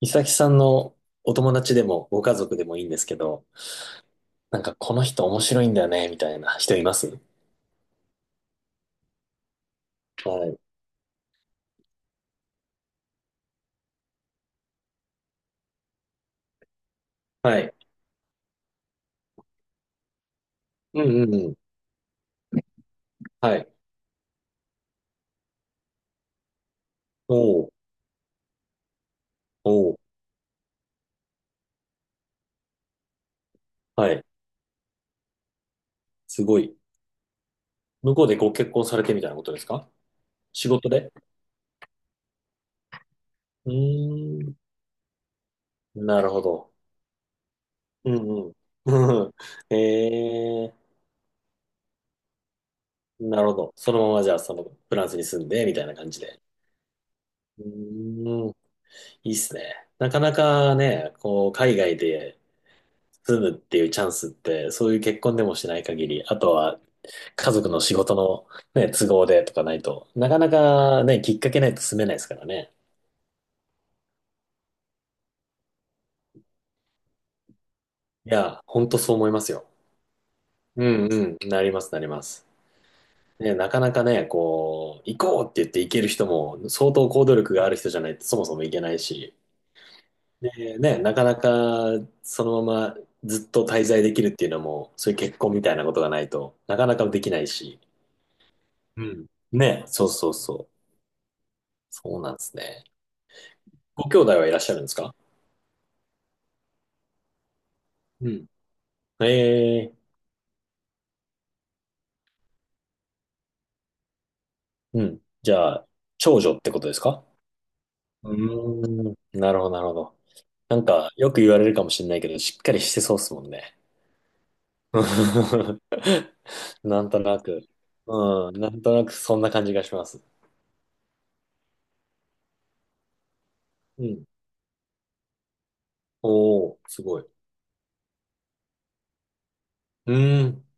いさきさんのお友達でもご家族でもいいんですけど、なんかこの人面白いんだよね、みたいな人います？はい。はい。うんうんうん。はい。おお、おお、はい。すごい。向こうでご結婚されてみたいなことですか？仕事で。うーん。なるほど。うんうん。ええー、なるほど。そのままじゃあ、そのフランスに住んで、みたいな感じで。うーん。いいっすね。なかなかね、こう、海外で住むっていうチャンスって、そういう結婚でもしない限り、あとは家族の仕事のね、都合でとかないと、なかなかね、きっかけないと住めないですからね。いや、ほんとそう思いますよ。うんうん、なりますなります。ね、なかなかね、こう、行こうって言って行ける人も、相当行動力がある人じゃないとそもそも行けないし、で、ね、なかなかそのままずっと滞在できるっていうのも、そういう結婚みたいなことがないとなかなかできないし、うん。ね、そうそうそう。そうなんですね。ご兄弟はいらっしゃるんですか？うん。ええ。うん。じゃあ、長女ってことですか？うーん。なるほど、なるほど。なんか、よく言われるかもしれないけど、しっかりしてそうっすもんね。なんとなく。うん。なんとなくそんな感じがします。うん。おー、すごい。うーん。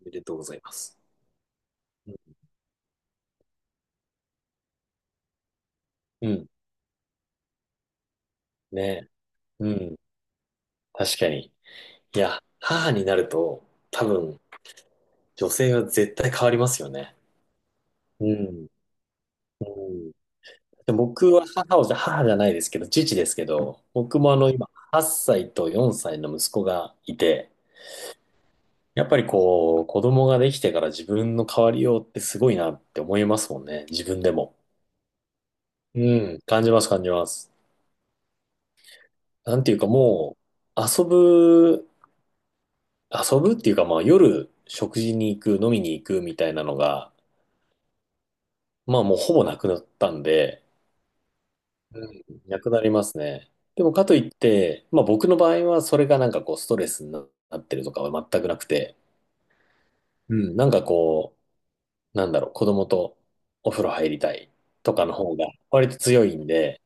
おめでとうございます。うん。ねえ。うん。確かに。いや、母になると、多分、女性は絶対変わりますよね。うん。うん。で僕は母をじゃ、母じゃないですけど、父ですけど、僕も今8歳と4歳の息子がいて、やっぱりこう子供ができてから自分の変わりようってすごいなって思いますもんね、自分でも。うん、感じます感じます。なんていうかもう遊ぶっていうかまあ夜食事に行く、飲みに行くみたいなのが、まあもうほぼなくなったんで、うん、なくなりますね。でもかといって、まあ僕の場合はそれがなんかこうストレスになってるとかは全くなくて、うん、なんかこう、なんだろう、子供とお風呂入りたいとかの方が割と強いんで、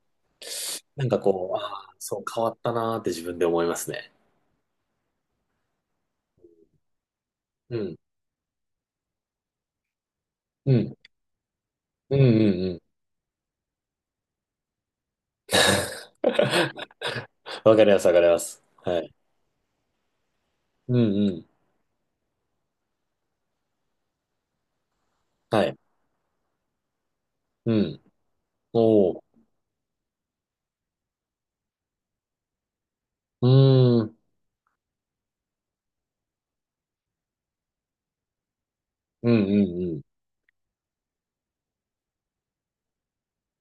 なんかこう、ああ、そう変わったなーって自分で思いますね。うん。うん。うんうんうん。わかります、わかります。はい。うんうん。はい。うん。おー。うーん。うんうんうん。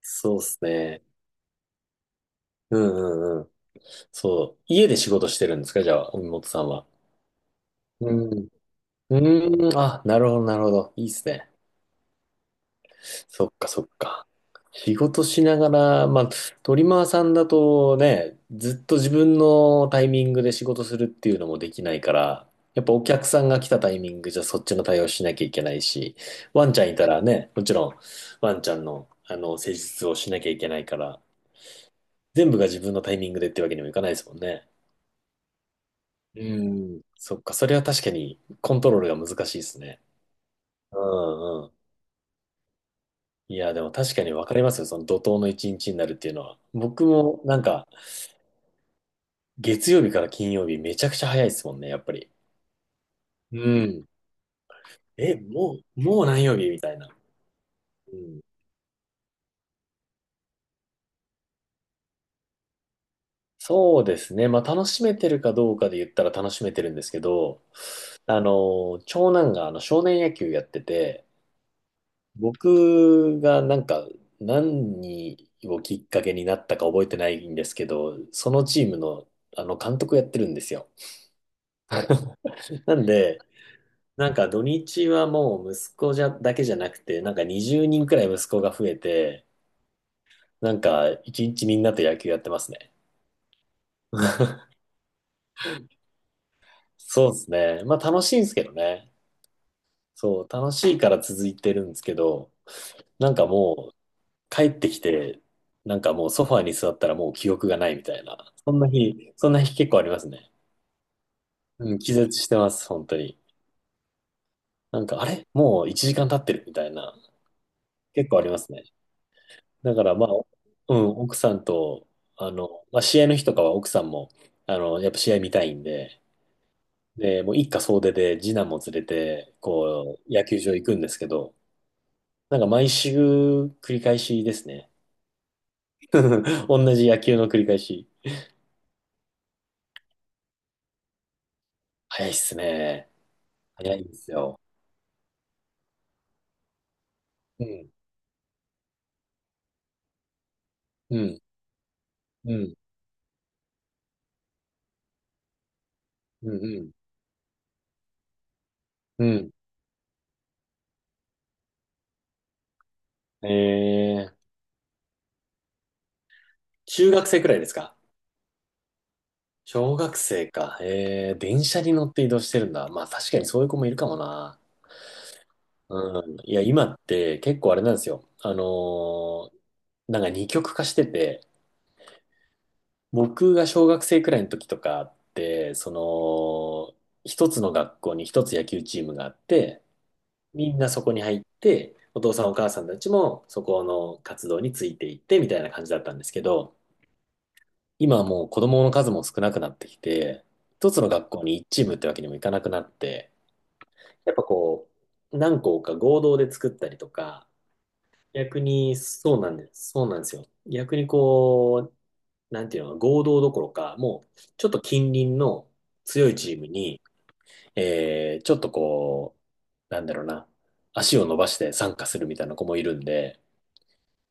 そうっすね。うんうんうん。そう。家で仕事してるんですか？じゃあ、海本さんは。うん。うーん。あ、なるほど、なるほど。いいっすね。そっか、そっか。仕事しながら、まあ、トリマーさんだとね、ずっと自分のタイミングで仕事するっていうのもできないから、やっぱお客さんが来たタイミングじゃそっちの対応しなきゃいけないし、ワンちゃんいたらね、もちろんワンちゃんの、施術をしなきゃいけないから、全部が自分のタイミングでってわけにもいかないですもんね。うん。そっか、それは確かにコントロールが難しいですね。うんうん。いや、でも確かにわかりますよ。その怒涛の一日になるっていうのは。僕もなんか、月曜日から金曜日めちゃくちゃ早いですもんね、やっぱり。うん。え、もう何曜日みたいな。うん。そうですね。まあ、楽しめてるかどうかで言ったら楽しめてるんですけど、長男が少年野球やってて、僕がなんか何をきっかけになったか覚えてないんですけど、そのチームの監督をやってるんですよ。はい。なんで、なんか土日はもう息子じゃだけじゃなくて、なんか20人くらい息子が増えて、なんか一日みんなと野球やってますね。そうですね。まあ楽しいんですけどね。そう、楽しいから続いてるんですけど、なんかもう帰ってきて、なんかもうソファーに座ったらもう記憶がないみたいな。そんな日結構ありますね。うん、気絶してます、本当に。なんか、あれもう1時間経ってるみたいな。結構ありますね。だからまあ、うん、奥さんと、まあ、試合の日とかは奥さんも、やっぱ試合見たいんで、で、もう一家総出で次男も連れて、こう、野球場行くんですけど、なんか毎週繰り返しですね。同じ野球の繰り返し。早いっすね。早いんですよ。うん、うん、うん、うん、うん。うん。えー、中学生くらいですか？小学生か。電車に乗って移動してるんだ。まあ確かにそういう子もいるかもな。うん。いや、今って結構あれなんですよ。なんか二極化してて、僕が小学生くらいの時とかって、その、一つの学校に一つ野球チームがあって、みんなそこに入って、お父さんお母さんたちもそこの活動についていってみたいな感じだったんですけど、今はもう子供の数も少なくなってきて、一つの学校に一チームってわけにもいかなくなって、やっぱこう、何校か合同で作ったりとか、逆にそうなんです。そうなんですよ。逆にこう、なんていうの、合同どころか、もうちょっと近隣の強いチームに、ちょっとこう、なんだろうな、足を伸ばして参加するみたいな子もいるんで、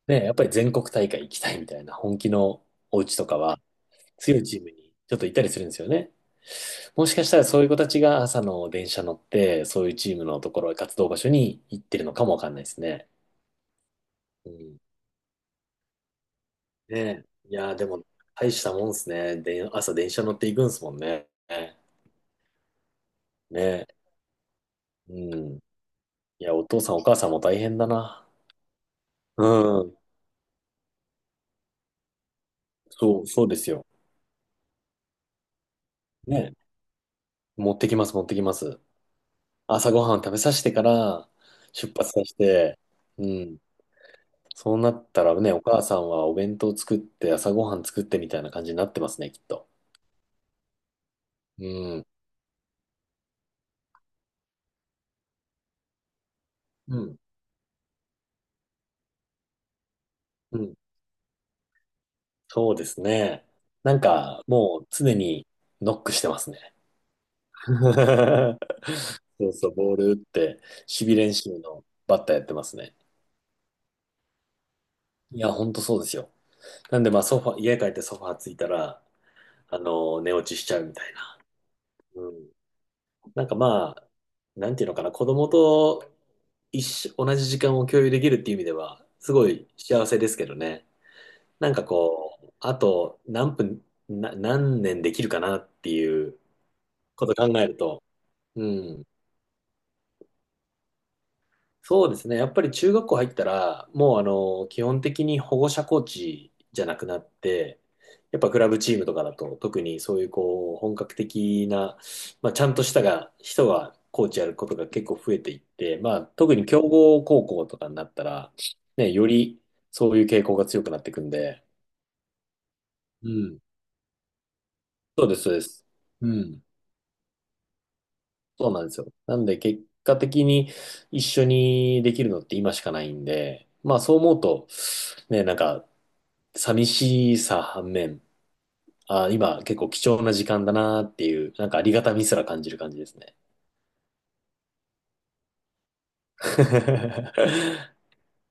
ね、やっぱり全国大会行きたいみたいな本気のお家とかは、強いチームにちょっと行ったりするんですよね。もしかしたらそういう子たちが朝の電車乗って、そういうチームのところ、活動場所に行ってるのかもわかんないですね。うん。ねえ。いやー、でも、大したもんですね。で、朝電車乗っていくんですもんね。ねえ。うん。いや、お父さんお母さんも大変だな。うん。そうですよ。ねえ。持ってきます、持ってきます。朝ごはん食べさせてから、出発させて、うん。そうなったらね、お母さんはお弁当作って朝ごはん作ってみたいな感じになってますね、きっと。うん。うん。うん。そうですね。なんか、もう常にノックしてますね。そうそう、ボール打って、守備練習のバッターやってますね。いや、ほんとそうですよ。なんで、まあ、ソファ、家帰ってソファーついたら、寝落ちしちゃうみたいな。うん。なんかまあ、なんていうのかな、子供と一緒、同じ時間を共有できるっていう意味では、すごい幸せですけどね。なんかこう、あと何分、な、何年できるかなっていうこと考えると、うん、そうですね。やっぱり中学校入ったら、もう基本的に保護者コーチじゃなくなって、やっぱクラブチームとかだと、特にそういうこう、本格的な、まあ、ちゃんとしたが、人がコーチやることが結構増えていって、まあ、特に強豪高校とかになったら、ね、よりそういう傾向が強くなっていくんで、うん。そうです、そうです。うん。そうなんですよ。なんで結果的に一緒にできるのって今しかないんで、まあそう思うと、ね、なんか寂しさ反面、あ、今結構貴重な時間だなっていう、なんかありがたみすら感じる感じですね。